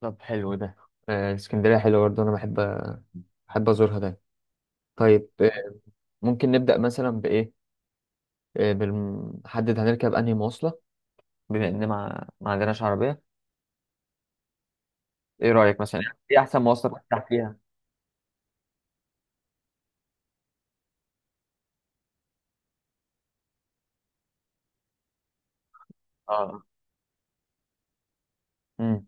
طب حلو ده. اسكندرية حلوة برضه، أنا بحب أزورها ده. طيب، ممكن نبدأ مثلا بإيه؟ بنحدد هنركب أنهي مواصلة. بما إن ما عندناش عربية، إيه رأيك مثلا يعني إيه أحسن مواصلة برتاح فيها؟ آه. أمم.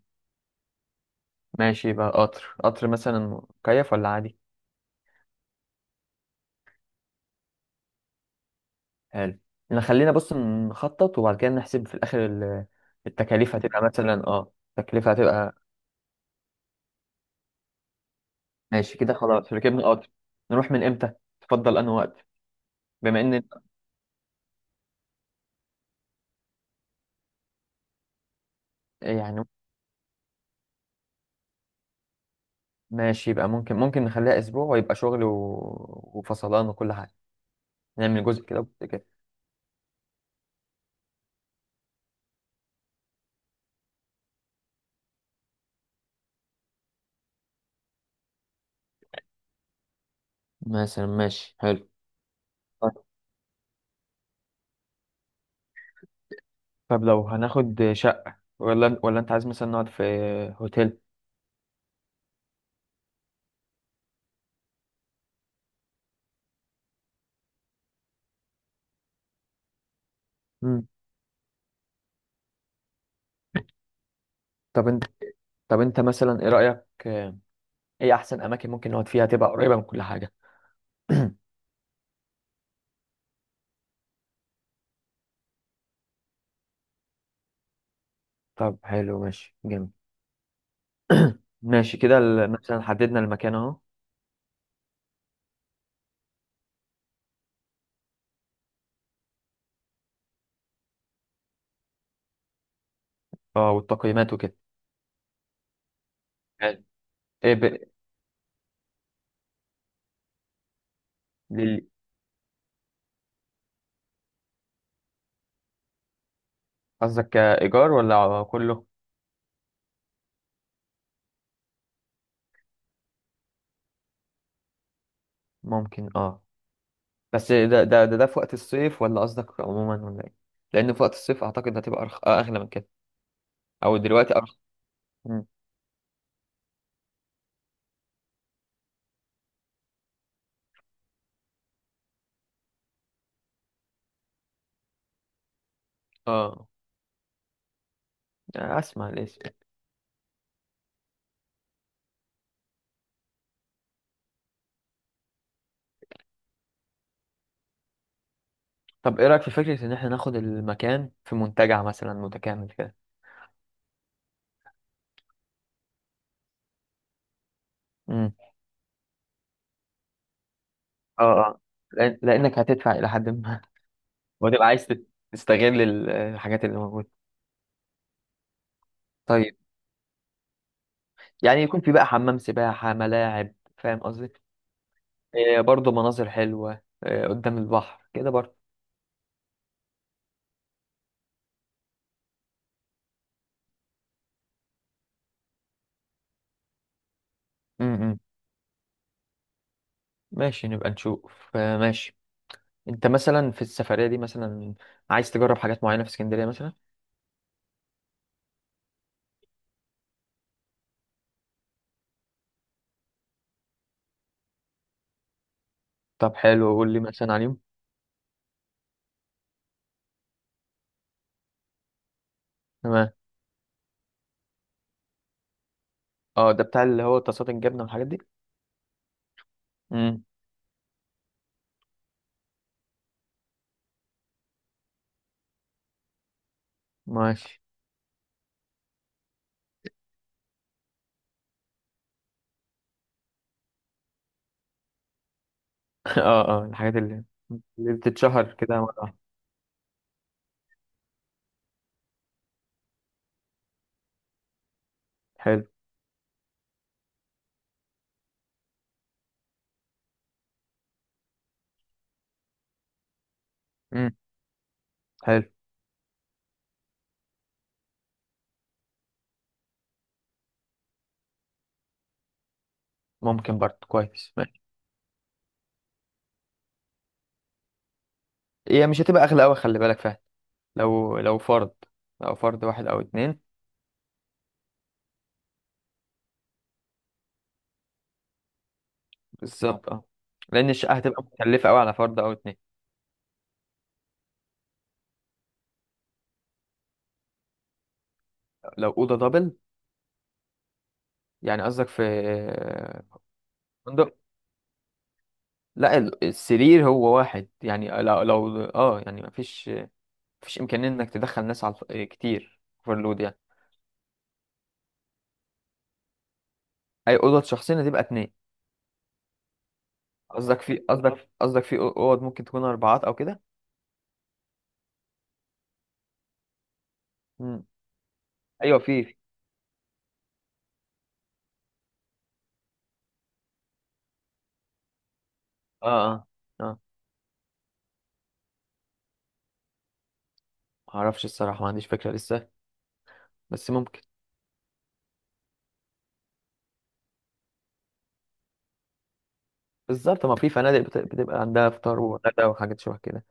ماشي، يبقى قطر قطر مثلا مكيف ولا عادي؟ حلو. نخلينا بص نخطط وبعد كده نحسب في الآخر التكاليف هتبقى مثلا، التكلفة هتبقى. ماشي كده، خلاص ركبنا قطر. نروح من إمتى؟ تفضل أنهي وقت؟ بما إن، يعني، ماشي، يبقى ممكن نخليها اسبوع ويبقى شغل وفصلان وكل حاجه. نعمل جزء كده وجزء كده مثلا. ماشي، حلو. طيب. طب لو هناخد شقه، ولا انت عايز مثلا نقعد في هوتيل. مم. طب انت طب انت مثلا ايه رايك؟ ايه احسن اماكن ممكن نقعد فيها تبقى قريبه من كل حاجه؟ طب حلو، ماشي، جميل. ماشي كده، مثلا حددنا المكان اهو. اه، والتقييمات وكده. حلو. ايه ب... لل... قصدك كايجار ولا كله؟ ممكن. اه، بس ده في وقت الصيف ولا قصدك عموما ولا ايه؟ لان في وقت الصيف اعتقد هتبقى أرخ... آه، اغلى من كده. او دلوقتي ارخص. مم. اه. اسمع الاسم. طب ايه رايك في فكره ان احنا ناخد المكان في منتجع مثلا متكامل كده؟ امم. اه اه. لانك هتدفع الى حد ما. وتبقى عايز تستغل الحاجات اللي موجوده. طيب. يعني يكون في بقى حمام سباحه، ملاعب، فاهم قصدي؟ إيه برضه، مناظر حلوه، إيه قدام البحر كده برضه. امم. ماشي نبقى نشوف. ماشي. انت مثلا في السفرية دي مثلا عايز تجرب حاجات معينة في اسكندرية مثلا؟ طب حلو، قول لي مثلا عليهم. تمام. اه، ده بتاع اللي هو طاسات الجبنة والحاجات دي. امم. ماشي. اه اه، الحاجات اللي اللي بتتشهر كده مرة واحدة. حلو. امم. حلو. ممكن برضه، كويس، ماشي. هي مش هتبقى اغلى قوي، خلي بالك فعلا. لو فرد، لو فرد واحد او اتنين. بالظبط، اه. لان الشقة هتبقى مكلفة قوي على فرد او اتنين. لو أوضة دبل يعني، قصدك في فندق؟ لا، السرير هو واحد يعني. لو يعني مفيش، مفيش امكانيه انك تدخل ناس على كتير، اوفرلود يعني. اي اوضه شخصين هتبقى اتنين. قصدك في اوض ممكن تكون اربعات او كده؟ امم. ايوه، في. اه اه اه. معرفش الصراحه، ما عنديش فكره لسه، بس ممكن. بالظبط، ما في فنادق بتبقى عندها فطار وغدا وحاجات شبه كده.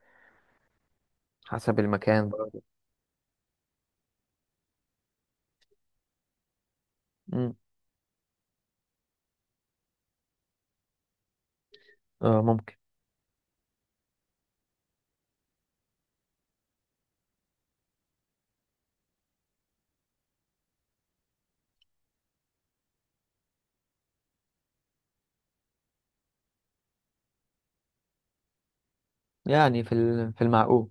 حسب المكان برضه. امم. اه، ممكن، يعني في في المعقول.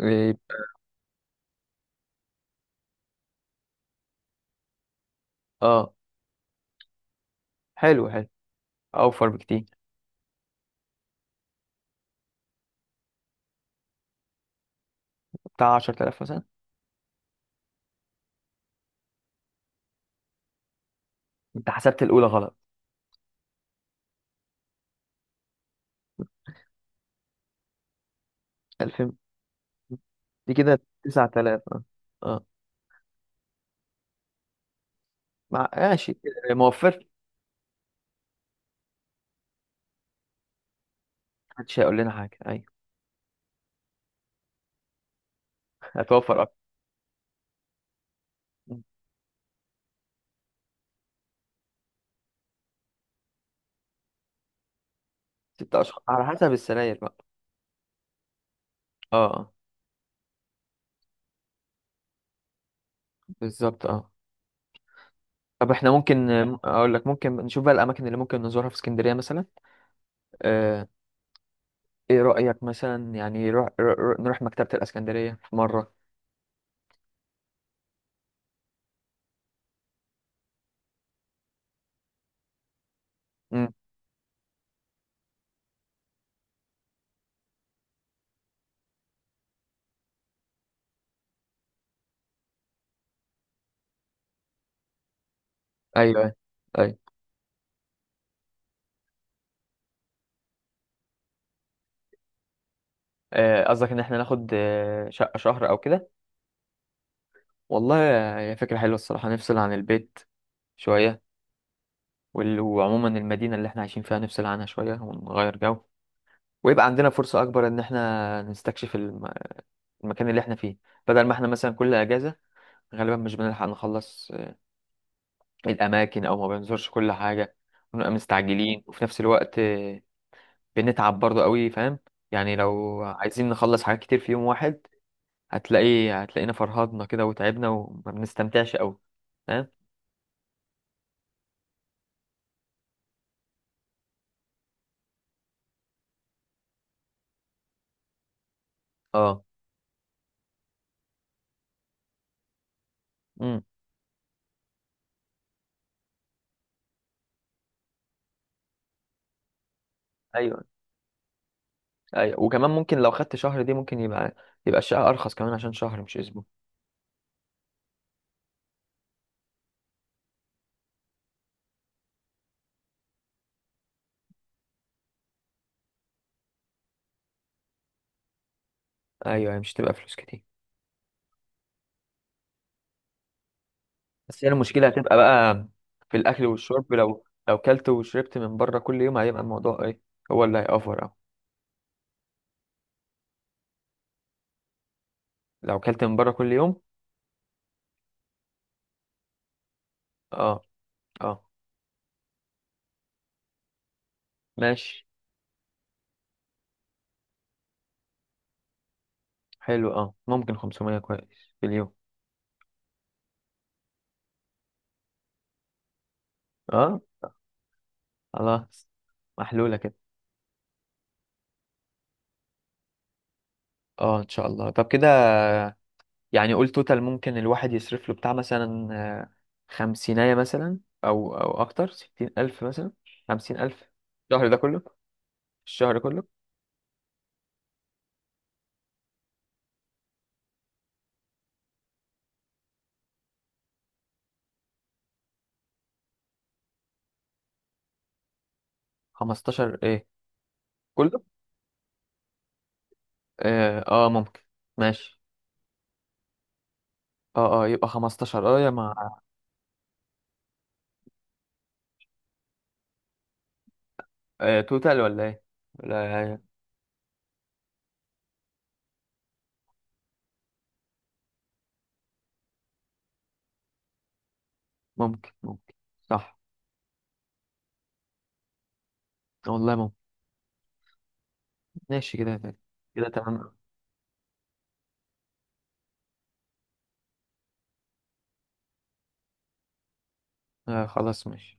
إيه، اه، حلو حلو. اوفر بكتير. بتاع 10000 مثلا. انت حسبت الاولى غلط. 2000. دي كده 9000. اه. اه. ماشي. ما وفرت. محدش هيقول لنا حاجه، ايوه. هتوفر اكتر. مم. 6 اشهر على حسب السراير بقى. اه. بالظبط، اه. طب احنا ممكن، اقول لك، ممكن نشوف بقى الاماكن اللي ممكن نزورها في اسكندريه مثلا. آه. ايه رايك مثلا يعني نروح مكتبه الاسكندريه في مره؟ امم. ايوه ايوه. طيب. قصدك ان احنا ناخد شقه شهر او كده؟ والله هي فكره حلوه الصراحه، نفصل عن البيت شويه، وعموما المدينة اللي احنا عايشين فيها نفصل عنها شوية ونغير جو. ويبقى عندنا فرصة أكبر إن احنا نستكشف المكان اللي احنا فيه. بدل ما احنا مثلا كل أجازة غالبا مش بنلحق نخلص الأماكن، أو ما بنزورش كل حاجة، ونبقى مستعجلين، وفي نفس الوقت بنتعب برضه قوي، فاهم؟ يعني لو عايزين نخلص حاجات كتير في يوم واحد، هتلاقينا فرهضنا كده وتعبنا وما بنستمتعش قوي. فاهم. اه. امم. ايوه ايوه. وكمان ممكن لو خدت شهر دي، ممكن يبقى الشقة ارخص كمان عشان شهر مش اسبوع. ايوه، هي مش تبقى فلوس كتير، بس هي المشكلة هتبقى بقى في الاكل والشرب. لو كلت وشربت من بره كل يوم هيبقى الموضوع ايه؟ هو اللي هيأفور اه. لو كلت من بره كل يوم. اه اه. ماشي. حلو، اه، ممكن 500 كويس في اليوم. اه، خلاص. محلولة كده. اه ان شاء الله. طب كده يعني قول توتال ممكن الواحد يصرف له بتاع مثلا، 500 مثلا. أو أكتر، 60 ألف مثلا. 50 ألف. الشهر ده كله. الشهر كله. 15 إيه؟ كله. ممكن. ماشي. يبقى 15 يا مع. توتال ولا إيه؟ ولا ممكن ممكن، صح. والله ممكن. ماشي كده. كده تمام. خلاص ماشي.